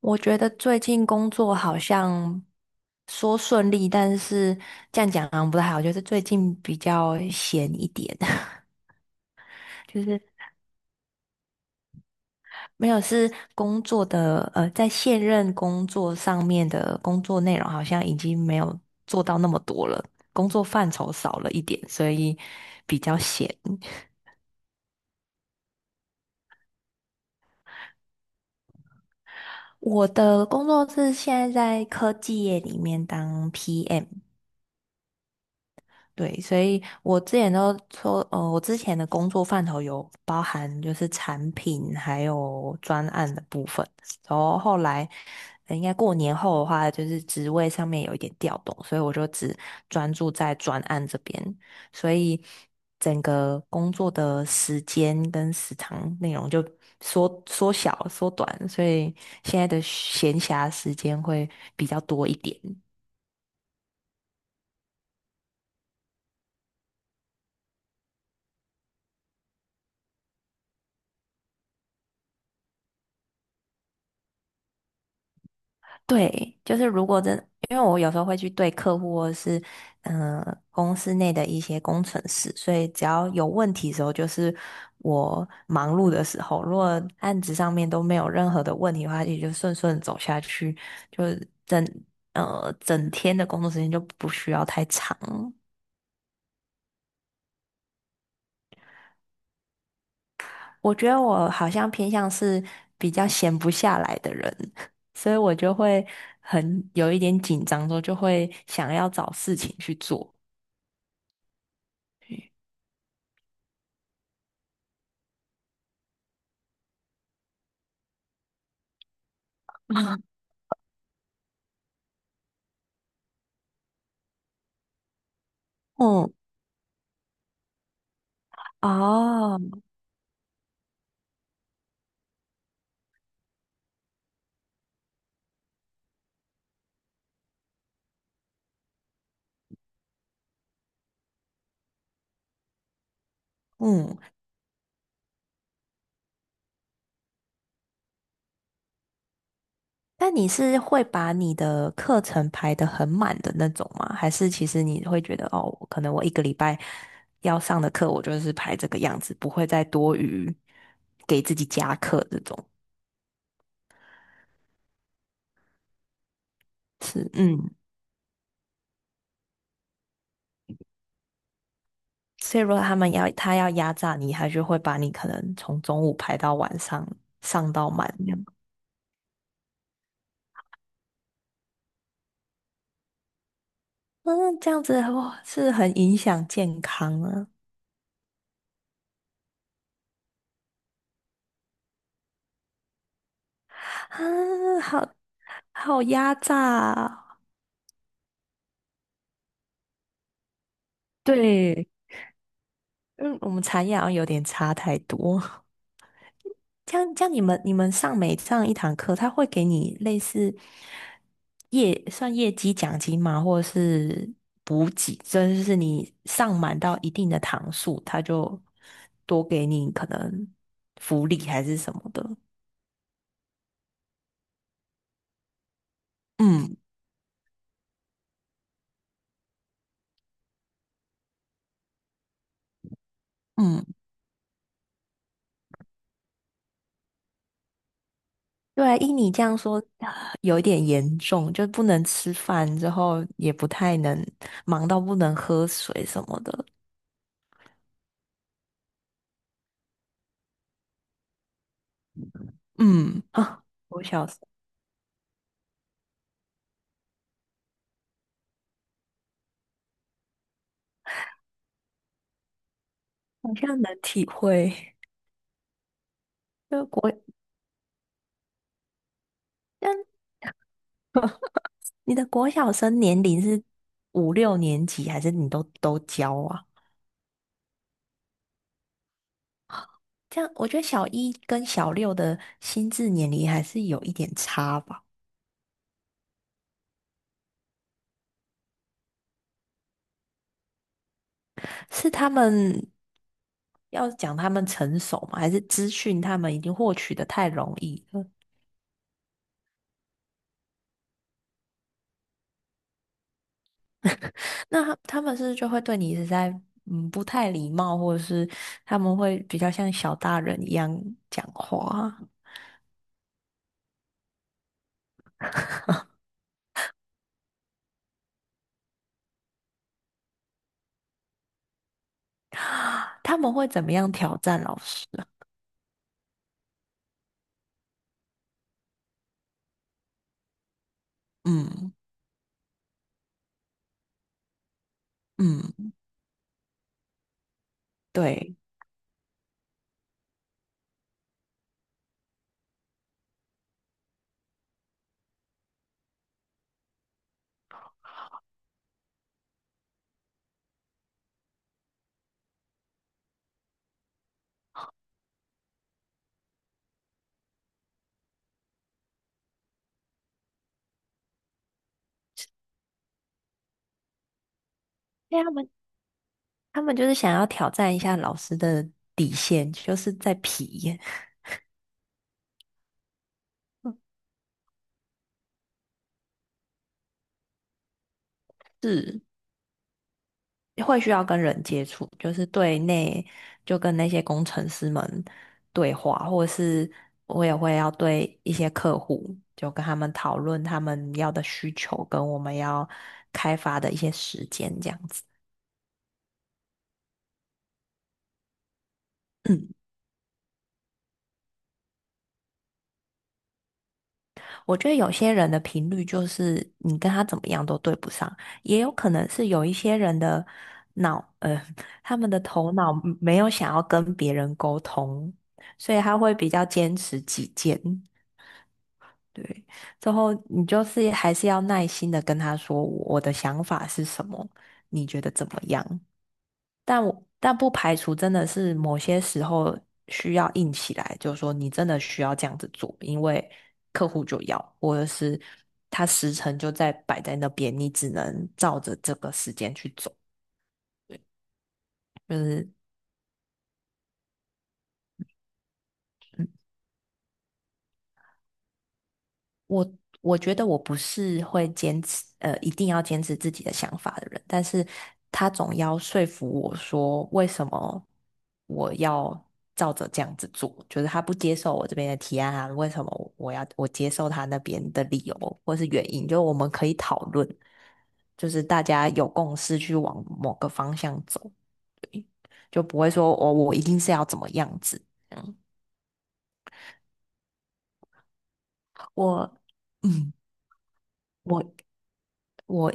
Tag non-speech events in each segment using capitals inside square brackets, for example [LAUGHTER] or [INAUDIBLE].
我觉得最近工作好像说顺利，但是这样讲好像不太好。就是最近比较闲一点，[LAUGHS] 就是没有是工作的在现任工作上面的工作内容好像已经没有做到那么多了，工作范畴少了一点，所以比较闲。我的工作是现在在科技业里面当 PM，对，所以我之前都说，我之前的工作范畴有包含就是产品还有专案的部分，然后后来应该过年后的话，就是职位上面有一点调动，所以我就只专注在专案这边，所以整个工作的时间跟时长内容就缩短，所以现在的闲暇时间会比较多一点。对，就是如果真，因为我有时候会去对客户或者是公司内的一些工程师，所以只要有问题的时候，就是我忙碌的时候，如果案子上面都没有任何的问题的话，也就顺顺走下去，就是整整天的工作时间就不需要太长。我觉得我好像偏向是比较闲不下来的人，[LAUGHS] 所以我就会很有一点紧张之后，就会想要找事情去做。[LAUGHS] 嗯，哦，嗯，那你是会把你的课程排得很满的那种吗？还是其实你会觉得，哦，可能我一个礼拜要上的课，我就是排这个样子，不会再多余给自己加课这种？是，嗯，所以如果他们要压榨你，他就会把你可能从中午排到晚上，上到满这样。嗯，这样子哇，是很影响健康啊！啊，好好压榨啊，对。嗯，我们产业好像有点差太多。[LAUGHS] 这样，这样你们上每上一堂课，他会给你类似业绩奖金吗？或者是补给？真就是你上满到一定的堂数，他就多给你可能福利还是什么的。嗯嗯，对啊，依你这样说，啊有一点严重，就不能吃饭，之后也不太能忙到不能喝水什么的。嗯啊，我小好像能体会，[LAUGHS] 就国，但 [LAUGHS] 你的国小生年龄是五六年级，还是你都教啊？这样，我觉得小一跟小六的心智年龄还是有一点差吧。是他们要讲他们成熟吗？还是资讯他们已经获取的太容易了？那他们是不是就会对你是在不太礼貌，或者是他们会比较像小大人一样讲话啊他们会怎么样挑战老师？嗯嗯，对，因为他们就是想要挑战一下老师的底线，就是在皮，[LAUGHS] 是会需要跟人接触，就是对内就跟那些工程师们对话，或者是我也会要对一些客户，就跟他们讨论他们要的需求跟我们要开发的一些时间这样子。[CLEARS THROAT] 我觉得有些人的频率就是你跟他怎么样都对不上，也有可能是有一些人的脑，呃，[LAUGHS] 他们的头脑没有想要跟别人沟通，所以他会比较坚持己见。对，最后你就是还是要耐心的跟他说我的想法是什么，你觉得怎么样？但不排除真的是某些时候需要硬起来，就是说你真的需要这样子做，因为客户就要，或者是他时辰就在摆在那边，你只能照着这个时间去走，就是。我我觉得我不是会坚持，一定要坚持自己的想法的人，但是他总要说服我说为什么我要照着这样子做，就是他不接受我这边的提案啊，为什么我要接受他那边的理由或是原因，就我们可以讨论，就是大家有共识去往某个方向走，就不会说我一定是要怎么样子，嗯，我嗯。我我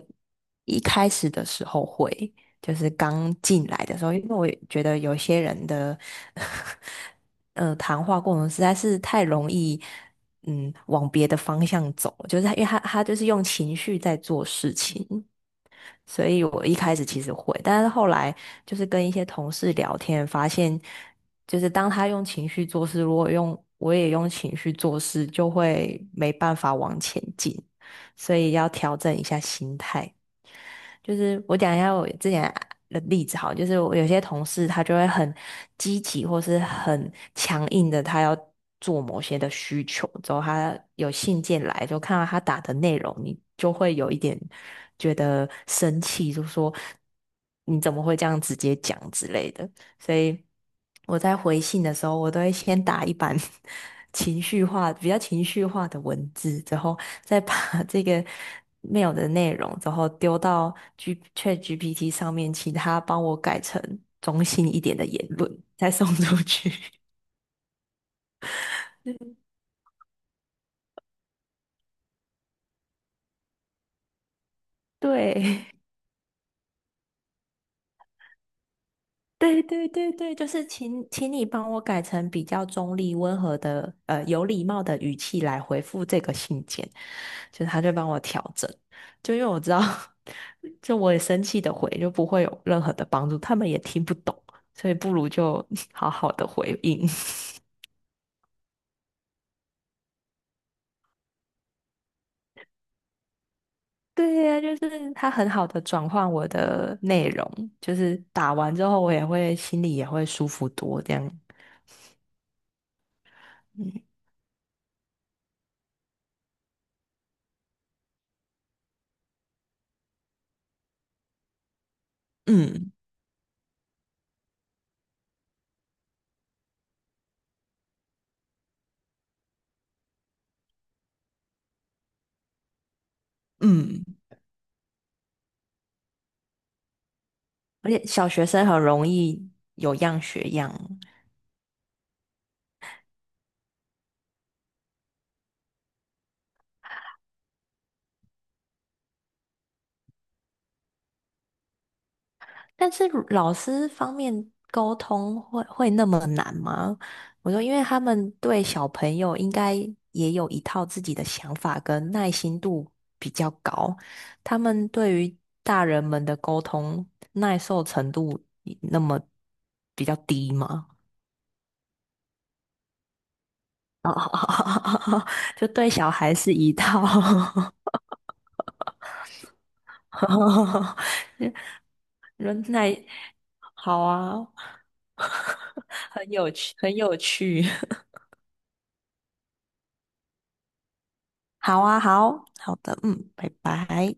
一开始的时候会，就是刚进来的时候，因为我也觉得有些人的 [LAUGHS] 谈话过程实在是太容易，嗯，往别的方向走，就是他因为他他就是用情绪在做事情，所以我一开始其实会，但是后来就是跟一些同事聊天，发现就是当他用情绪做事，如果用我也用情绪做事，就会没办法往前进。所以要调整一下心态。就是我讲一下我之前的例子好了就是我有些同事他就会很积极或是很强硬的，他要做某些的需求，之后他有信件来，就看到他打的内容，你就会有一点觉得生气，就说你怎么会这样直接讲之类的。所以我在回信的时候，我都会先打一版 [LAUGHS] 情绪化、比较情绪化的文字，之后再把 [LAUGHS] 这个 mail 的内容，之后丢到 ChatGPT 上面，请他帮我改成中性一点的言论，再送出去。[LAUGHS] 对，对对对对，就是请你帮我改成比较中立、温和的，有礼貌的语气来回复这个信件，就是他就帮我调整，就因为我知道，[LAUGHS] 就我也生气的回，就不会有任何的帮助，他们也听不懂，所以不如就 [LAUGHS] 好好的回应。[LAUGHS] 对呀，就是他很好的转换我的内容，就是打完之后我也会心里也会舒服多这样。嗯嗯。嗯而且小学生很容易有样学样，但是老师方面沟通会那么难吗？我说，因为他们对小朋友应该也有一套自己的想法跟耐心度比较高，他们对于大人们的沟通耐受程度那么比较低吗？[LAUGHS] 就对小孩是一套，[LAUGHS] 人奶好啊，[LAUGHS] 很有趣，很有趣。[LAUGHS] 好啊，好好的，嗯，拜拜。